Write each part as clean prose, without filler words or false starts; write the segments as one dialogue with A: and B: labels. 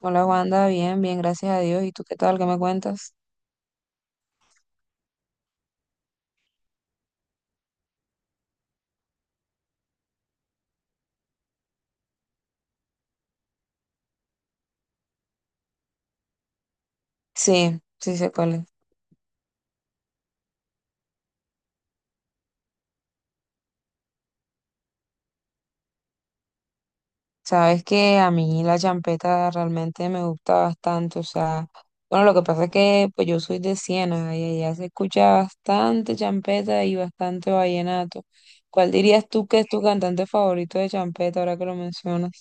A: Hola Wanda, bien, bien, gracias a Dios. ¿Y tú qué tal? ¿Qué me cuentas? Sí, sí sé cuál es. Sabes que a mí la champeta realmente me gusta bastante, o sea, bueno, lo que pasa es que pues yo soy de Siena y allá se escucha bastante champeta y bastante vallenato. ¿Cuál dirías tú que es tu cantante favorito de champeta ahora que lo mencionas?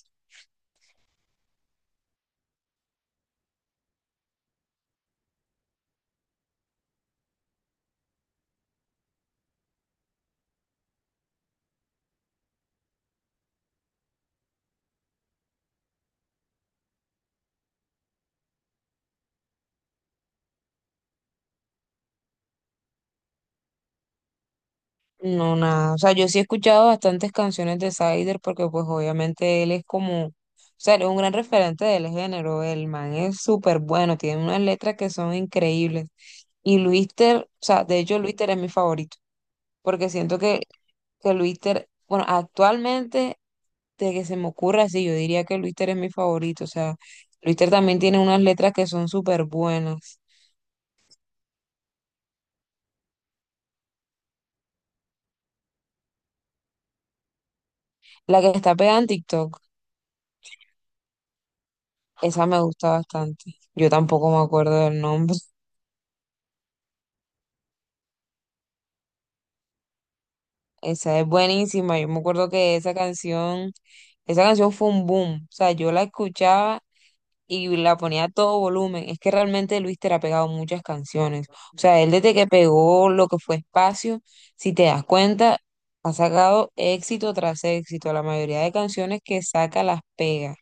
A: No, nada. O sea, yo sí he escuchado bastantes canciones de Sider porque pues obviamente él es como, o sea, él es un gran referente del género. El man es súper bueno, tiene unas letras que son increíbles. Y Luister, o sea, de hecho Luister es mi favorito porque siento que Luister, bueno, actualmente de que se me ocurra así, yo diría que Luister es mi favorito. O sea, Luister también tiene unas letras que son súper buenas. La que está pegada en TikTok. Esa me gusta bastante. Yo tampoco me acuerdo del nombre. Esa es buenísima. Yo me acuerdo que esa canción fue un boom. O sea, yo la escuchaba y la ponía a todo volumen. Es que realmente Luis te ha pegado muchas canciones. O sea, él desde que pegó lo que fue Espacio, si te das cuenta, ha sacado éxito tras éxito. La mayoría de canciones que saca las pega.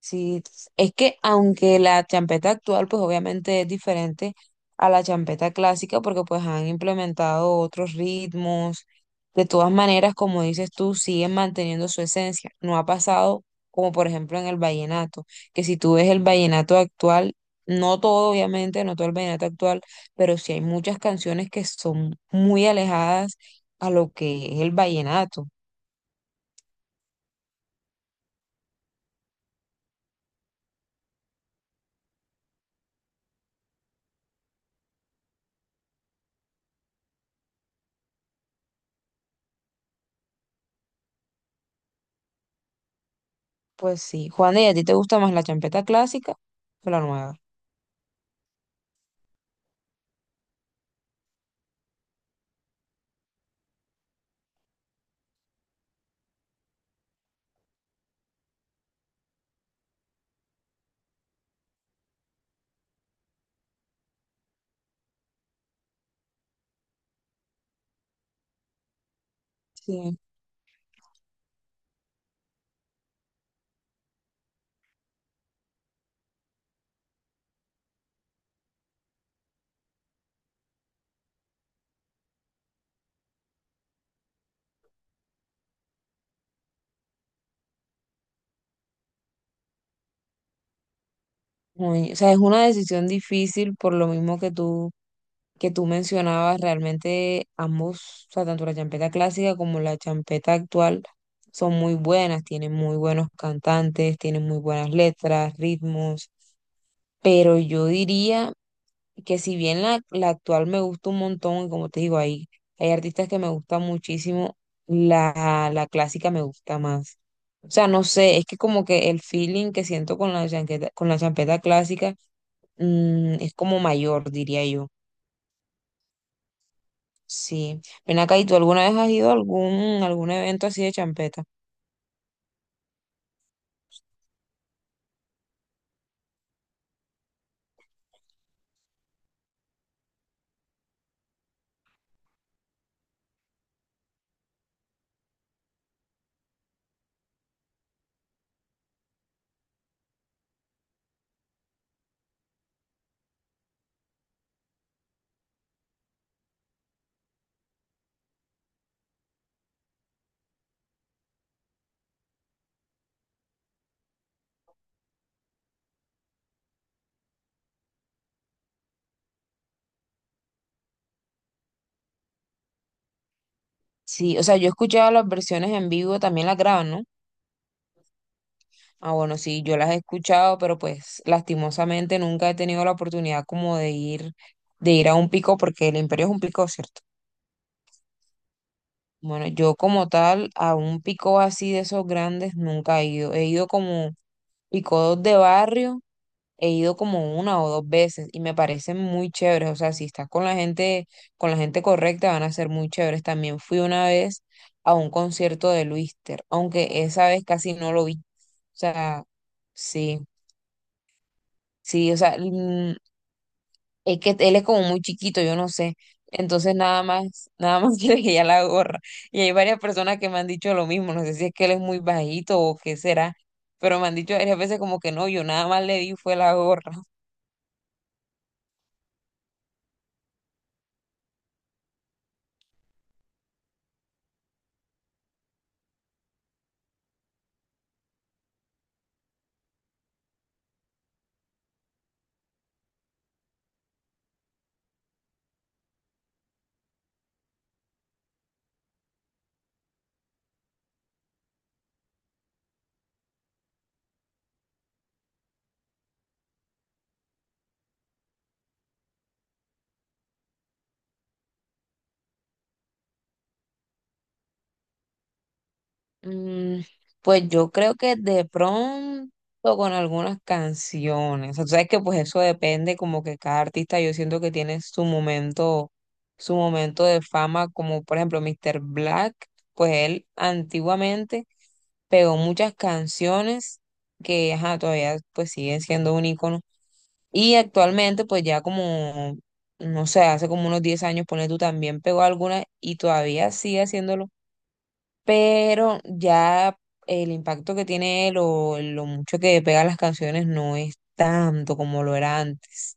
A: Sí, es que aunque la champeta actual pues obviamente es diferente a la champeta clásica porque pues han implementado otros ritmos, de todas maneras como dices tú siguen manteniendo su esencia, no ha pasado como por ejemplo en el vallenato, que si tú ves el vallenato actual, no todo obviamente, no todo el vallenato actual, pero sí hay muchas canciones que son muy alejadas a lo que es el vallenato. Pues sí, Juan, ¿y a ti te gusta más la champeta clásica o la nueva? Sí. O sea, es una decisión difícil por lo mismo que tú mencionabas, realmente ambos, o sea, tanto la champeta clásica como la champeta actual son muy buenas, tienen muy buenos cantantes, tienen muy buenas letras, ritmos, pero yo diría que si bien la actual me gusta un montón, y como te digo, hay artistas que me gustan muchísimo, la clásica me gusta más. O sea, no sé, es que como que el feeling que siento con la champeta clásica, es como mayor, diría yo. Sí. Ven acá, ¿y tú alguna vez has ido a algún evento así de champeta? Sí, o sea, yo he escuchado las versiones en vivo, también las graban, ¿no? Ah, bueno, sí, yo las he escuchado, pero pues lastimosamente nunca he tenido la oportunidad como de ir a un pico, porque el Imperio es un pico, ¿cierto? Bueno, yo como tal, a un pico así de esos grandes nunca he ido. He ido como picos de barrio he ido como una o dos veces y me parecen muy chéveres. O sea, si estás con la gente correcta, van a ser muy chéveres. También fui una vez a un concierto de Luister, aunque esa vez casi no lo vi. O sea, sí, sí, o sea, es que él es como muy chiquito, yo no sé. Entonces nada más quiere que le ya la gorra. Y hay varias personas que me han dicho lo mismo. No sé si es que él es muy bajito o qué será, pero me han dicho varias veces como que no, yo nada más le di fue la gorra. Mm, pues yo creo que de pronto con algunas canciones, o sea, tú sabes que pues eso depende como que cada artista yo siento que tiene su momento de fama, como por ejemplo Mr. Black, pues él antiguamente pegó muchas canciones que ajá, todavía pues siguen siendo un ícono y actualmente pues ya como, no sé, hace como unos 10 años, pone tú también pegó algunas y todavía sigue haciéndolo, pero ya el impacto que tiene él o lo mucho que pega las canciones no es tanto como lo era antes.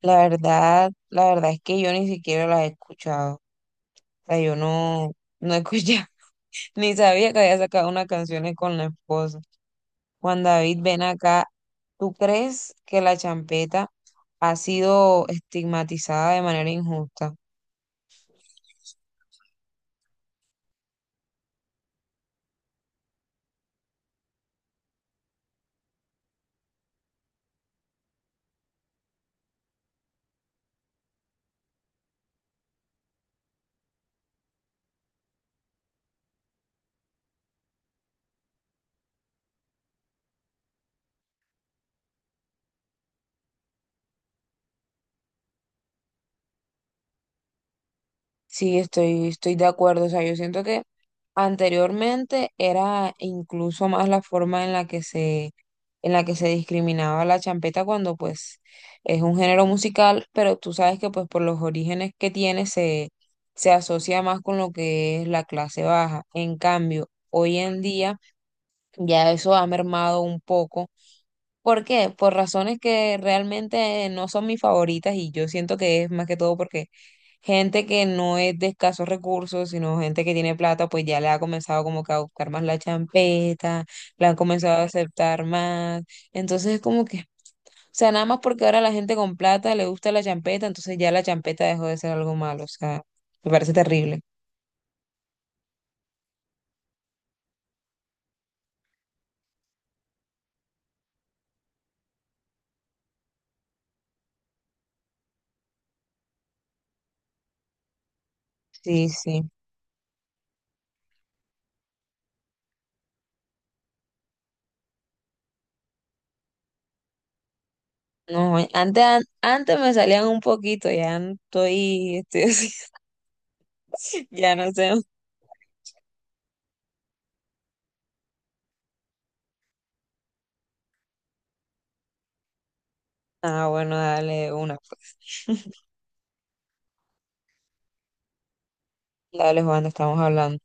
A: La verdad, es que yo ni siquiera las he escuchado. O sea, yo no, no escuché, ni sabía que había sacado unas canciones con la esposa. Juan David, ven acá. ¿Tú crees que la champeta ha sido estigmatizada de manera injusta? Sí, estoy de acuerdo. O sea, yo siento que anteriormente era incluso más la forma en la que se discriminaba la champeta, cuando pues es un género musical, pero tú sabes que pues por los orígenes que tiene se asocia más con lo que es la clase baja. En cambio, hoy en día ya eso ha mermado un poco. ¿Por qué? Por razones que realmente no son mis favoritas y yo siento que es más que todo porque gente que no es de escasos recursos, sino gente que tiene plata, pues ya le ha comenzado como que a buscar más la champeta, la han comenzado a aceptar más. Entonces es como que, o sea, nada más porque ahora la gente con plata le gusta la champeta, entonces ya la champeta dejó de ser algo malo, o sea, me parece terrible. Sí, sí. No, antes me salían un poquito, ya estoy así, ya no sé. Ah, bueno, dale de una, pues. Dale, Juan, estamos hablando.